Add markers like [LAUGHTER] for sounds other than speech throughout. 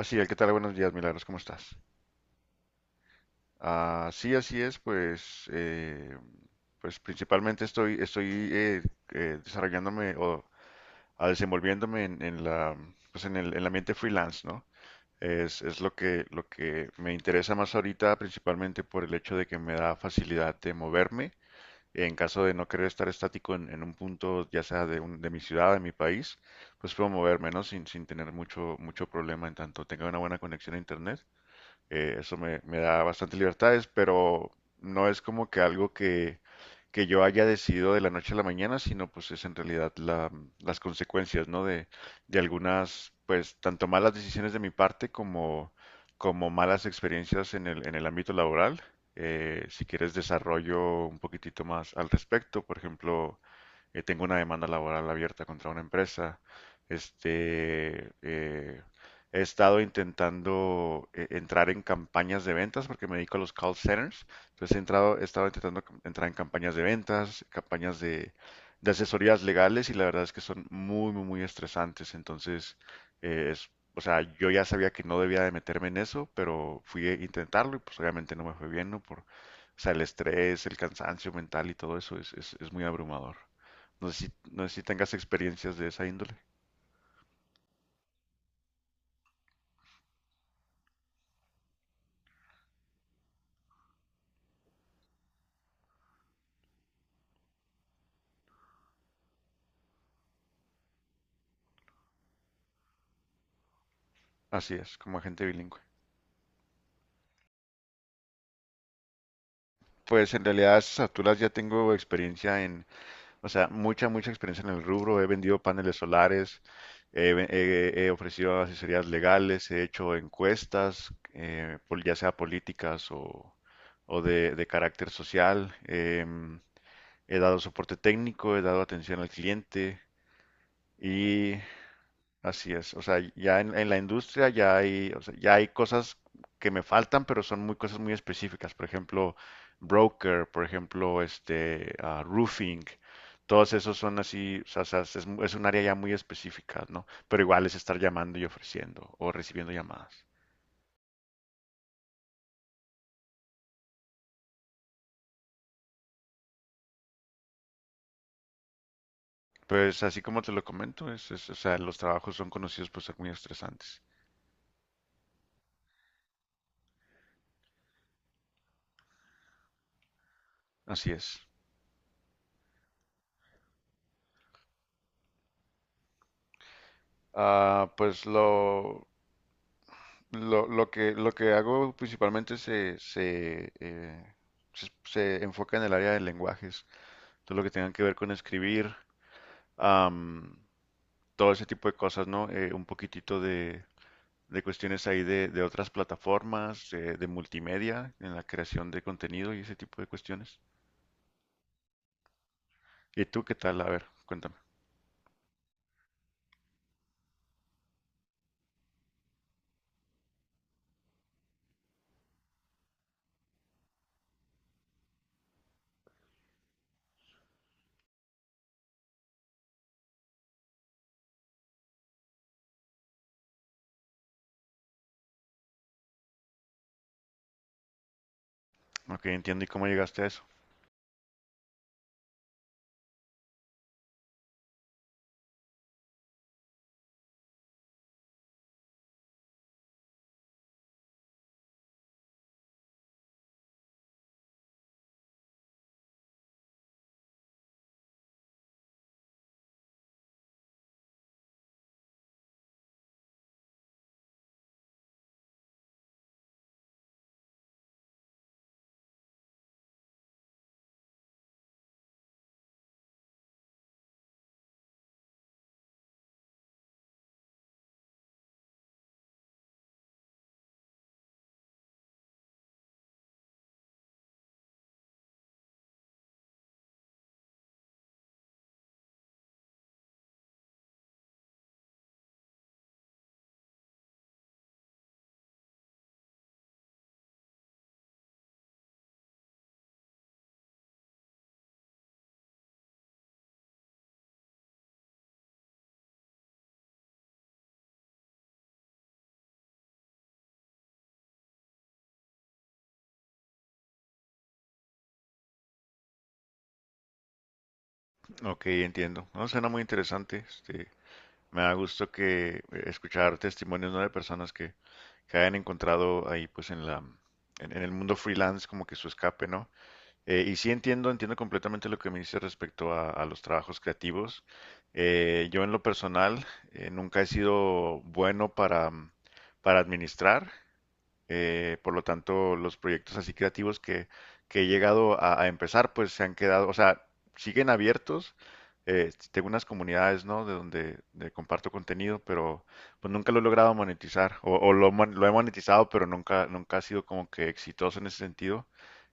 Así ¿qué tal? Buenos días, Milagros, ¿cómo estás? Ah, sí, así es, pues, pues principalmente estoy desarrollándome o desenvolviéndome en pues en el ambiente freelance, ¿no? Es lo que me interesa más ahorita, principalmente por el hecho de que me da facilidad de moverme en caso de no querer estar estático en un punto, ya sea de, de mi ciudad, de mi país, pues puedo moverme, ¿no? Sin tener mucho problema en tanto tenga una buena conexión a internet. Eso me da bastante libertades, pero no es como que algo que yo haya decidido de la noche a la mañana, sino pues es en realidad las consecuencias, ¿no? De algunas, pues, tanto malas decisiones de mi parte como, como malas experiencias en el ámbito laboral. Si quieres desarrollo un poquitito más al respecto, por ejemplo, tengo una demanda laboral abierta contra una empresa. Este, he estado intentando entrar en campañas de ventas porque me dedico a los call centers. Entonces he entrado, he estado intentando entrar en campañas de ventas, campañas de asesorías legales y la verdad es que son muy, muy, muy estresantes. Entonces, eh, es, o sea, yo ya sabía que no debía de meterme en eso, pero fui a intentarlo y pues obviamente no me fue bien, ¿no? Por, o sea, el estrés, el cansancio mental y todo eso es muy abrumador. No sé si tengas experiencias de esa índole. Así es, como agente bilingüe. Pues en realidad a esas alturas ya tengo experiencia en, o sea, mucha, mucha experiencia en el rubro. He vendido paneles solares, he ofrecido asesorías legales, he hecho encuestas, ya sea políticas o de carácter social. He dado soporte técnico, he dado atención al cliente y así es, o sea, ya en la industria ya hay, o sea, ya hay cosas que me faltan, pero son muy cosas muy específicas. Por ejemplo, broker, por ejemplo, este roofing, todos esos son así, o sea, es un área ya muy específica, ¿no? Pero igual es estar llamando y ofreciendo o recibiendo llamadas. Pues así como te lo comento, o sea, los trabajos son conocidos por ser muy estresantes. Así es. Ah, pues lo que hago principalmente se enfoca en el área de lenguajes, todo lo que tenga que ver con escribir, am, todo ese tipo de cosas, ¿no? Un poquitito de cuestiones ahí de otras plataformas, de multimedia, en la creación de contenido y ese tipo de cuestiones. ¿Y tú qué tal? A ver, cuéntame. Ok, entiendo. ¿Y cómo llegaste a eso? Ok, entiendo. No, suena muy interesante. Este, me da gusto que escuchar testimonios, ¿no? De personas que hayan encontrado ahí pues en la en el mundo freelance como que su escape, ¿no? Y sí entiendo, entiendo completamente lo que me dice respecto a los trabajos creativos. Yo en lo personal nunca he sido bueno para administrar. Por lo tanto, los proyectos así creativos que he llegado a empezar, pues se han quedado, o sea, siguen abiertos. Tengo unas comunidades, ¿no? De donde de comparto contenido, pero pues nunca lo he logrado monetizar. O, lo he monetizado, pero nunca, nunca ha sido como que exitoso en ese sentido.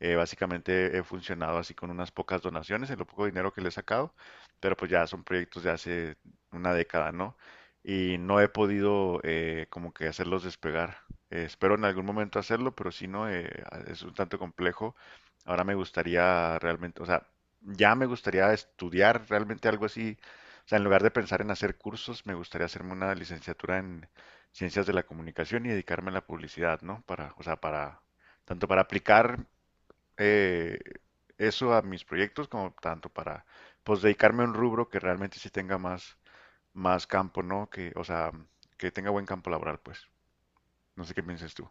Básicamente he funcionado así con unas pocas donaciones, en lo poco dinero que le he sacado, pero pues ya son proyectos de hace una década, ¿no? Y no he podido como que hacerlos despegar. Espero en algún momento hacerlo, pero si no, es un tanto complejo. Ahora me gustaría realmente, o sea, ya me gustaría estudiar realmente algo así. O sea, en lugar de pensar en hacer cursos, me gustaría hacerme una licenciatura en ciencias de la comunicación y dedicarme a la publicidad, ¿no? Para, o sea, para, tanto para aplicar eh, eso a mis proyectos como tanto para pues dedicarme a un rubro que realmente sí tenga más, más campo, ¿no? Que, o sea, que tenga buen campo laboral, pues. No sé qué piensas tú.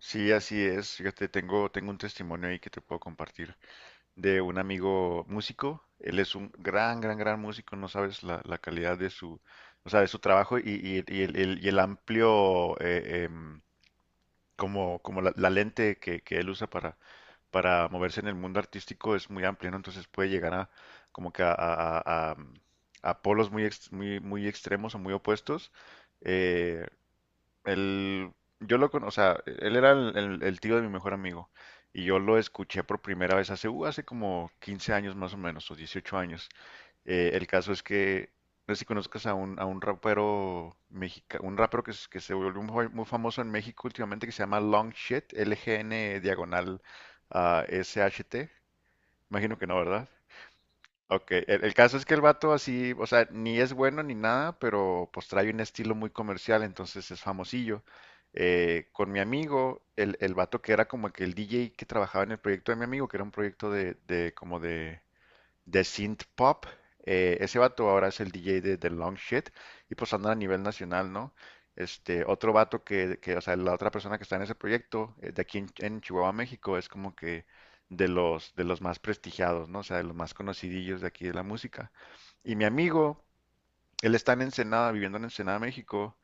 Sí, así es. Fíjate, tengo un testimonio ahí que te puedo compartir de un amigo músico. Él es un gran, gran, gran músico. No sabes la, la calidad de su, o sea, de su trabajo y el amplio como, como la lente que él usa para moverse en el mundo artístico es muy amplia, ¿no? Entonces puede llegar a como que a polos muy, muy, muy extremos o muy opuestos. Eh, él- yo lo con, o sea, él era el tío de mi mejor amigo y yo lo escuché por primera vez hace, hace como 15 años más o menos, o 18 años. El caso es que, no sé si conozcas a un rapero mexicano, un rapero que, que se volvió muy, muy famoso en México últimamente que se llama Long Shit, LGN diagonal SHT. Imagino que no, ¿verdad? Ok, el caso es que el vato así, o sea, ni es bueno ni nada, pero pues trae un estilo muy comercial, entonces es famosillo. Con mi amigo, el vato que era como que el DJ que trabajaba en el proyecto de mi amigo, que era un proyecto de como de synth pop. Ese vato ahora es el DJ de The Long Shit y pues andan a nivel nacional, ¿no? Este, otro vato que, o sea, la otra persona que está en ese proyecto, de aquí en Chihuahua, México, es como que de los más prestigiados, ¿no? O sea, de los más conocidillos de aquí de la música. Y mi amigo, él está en Ensenada, viviendo en Ensenada, México,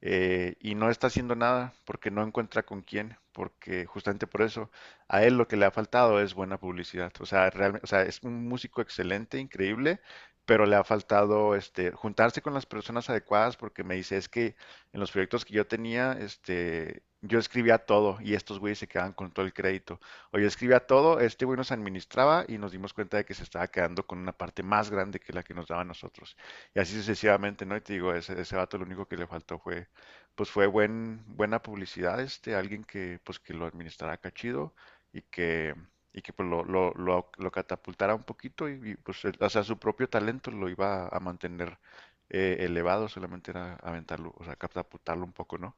y no está haciendo nada porque no encuentra con quién, porque justamente por eso a él lo que le ha faltado es buena publicidad. O sea, realmente, o sea, es un músico excelente, increíble, pero le ha faltado este, juntarse con las personas adecuadas porque me dice, es que en los proyectos que yo tenía, este, yo escribía todo y estos güeyes se quedaban con todo el crédito. O yo escribía todo, este güey nos administraba y nos dimos cuenta de que se estaba quedando con una parte más grande que la que nos daba a nosotros. Y así sucesivamente, ¿no? Y te digo, ese vato lo único que le faltó fue, pues fue buen, buena publicidad, este, alguien que, pues que lo administrara acá chido y que, y que pues lo catapultara un poquito y, pues, o sea, su propio talento lo iba a mantener elevado, solamente era aventarlo, o sea, catapultarlo un poco, ¿no?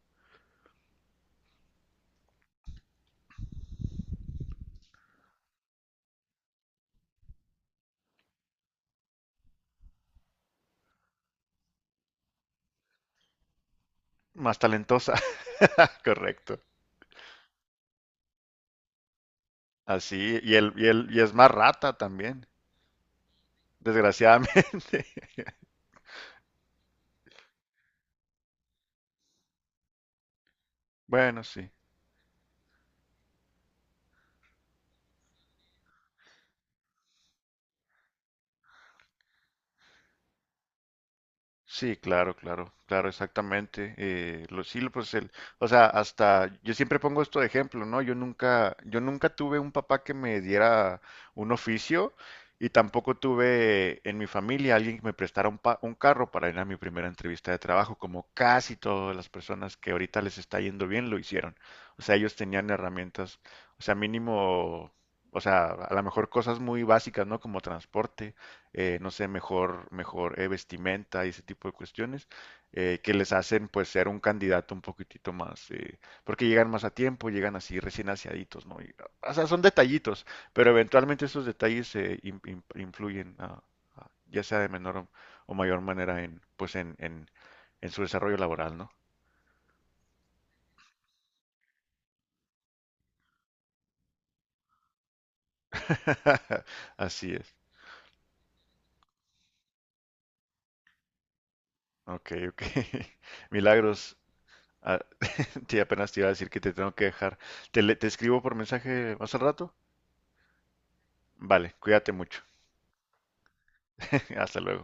Más talentosa, [LAUGHS] correcto. Así, y él, y es más rata también, desgraciadamente. [LAUGHS] Bueno, sí. Sí, claro, claro, claro, exactamente. Sí, pues el, o sea, hasta yo siempre pongo esto de ejemplo, ¿no? Yo nunca tuve un papá que me diera un oficio y tampoco tuve en mi familia alguien que me prestara un, un carro para ir a mi primera entrevista de trabajo, como casi todas las personas que ahorita les está yendo bien lo hicieron. O sea, ellos tenían herramientas, o sea, mínimo, o sea, a lo mejor cosas muy básicas, ¿no? Como transporte no sé, mejor, mejor vestimenta y ese tipo de cuestiones, que les hacen pues ser un candidato un poquitito más, porque llegan más a tiempo, llegan así recién aseaditos, ¿no? Y, o sea, son detallitos, pero eventualmente esos detalles influyen, ya sea de menor o mayor manera en, en su desarrollo laboral, ¿no? [LAUGHS] Así es. Ok, ok. [LAUGHS] Milagros. Ah, [LAUGHS] sí, apenas te iba a decir que te tengo que dejar. Te escribo por mensaje más al rato. Vale, cuídate mucho. [LAUGHS] Hasta luego.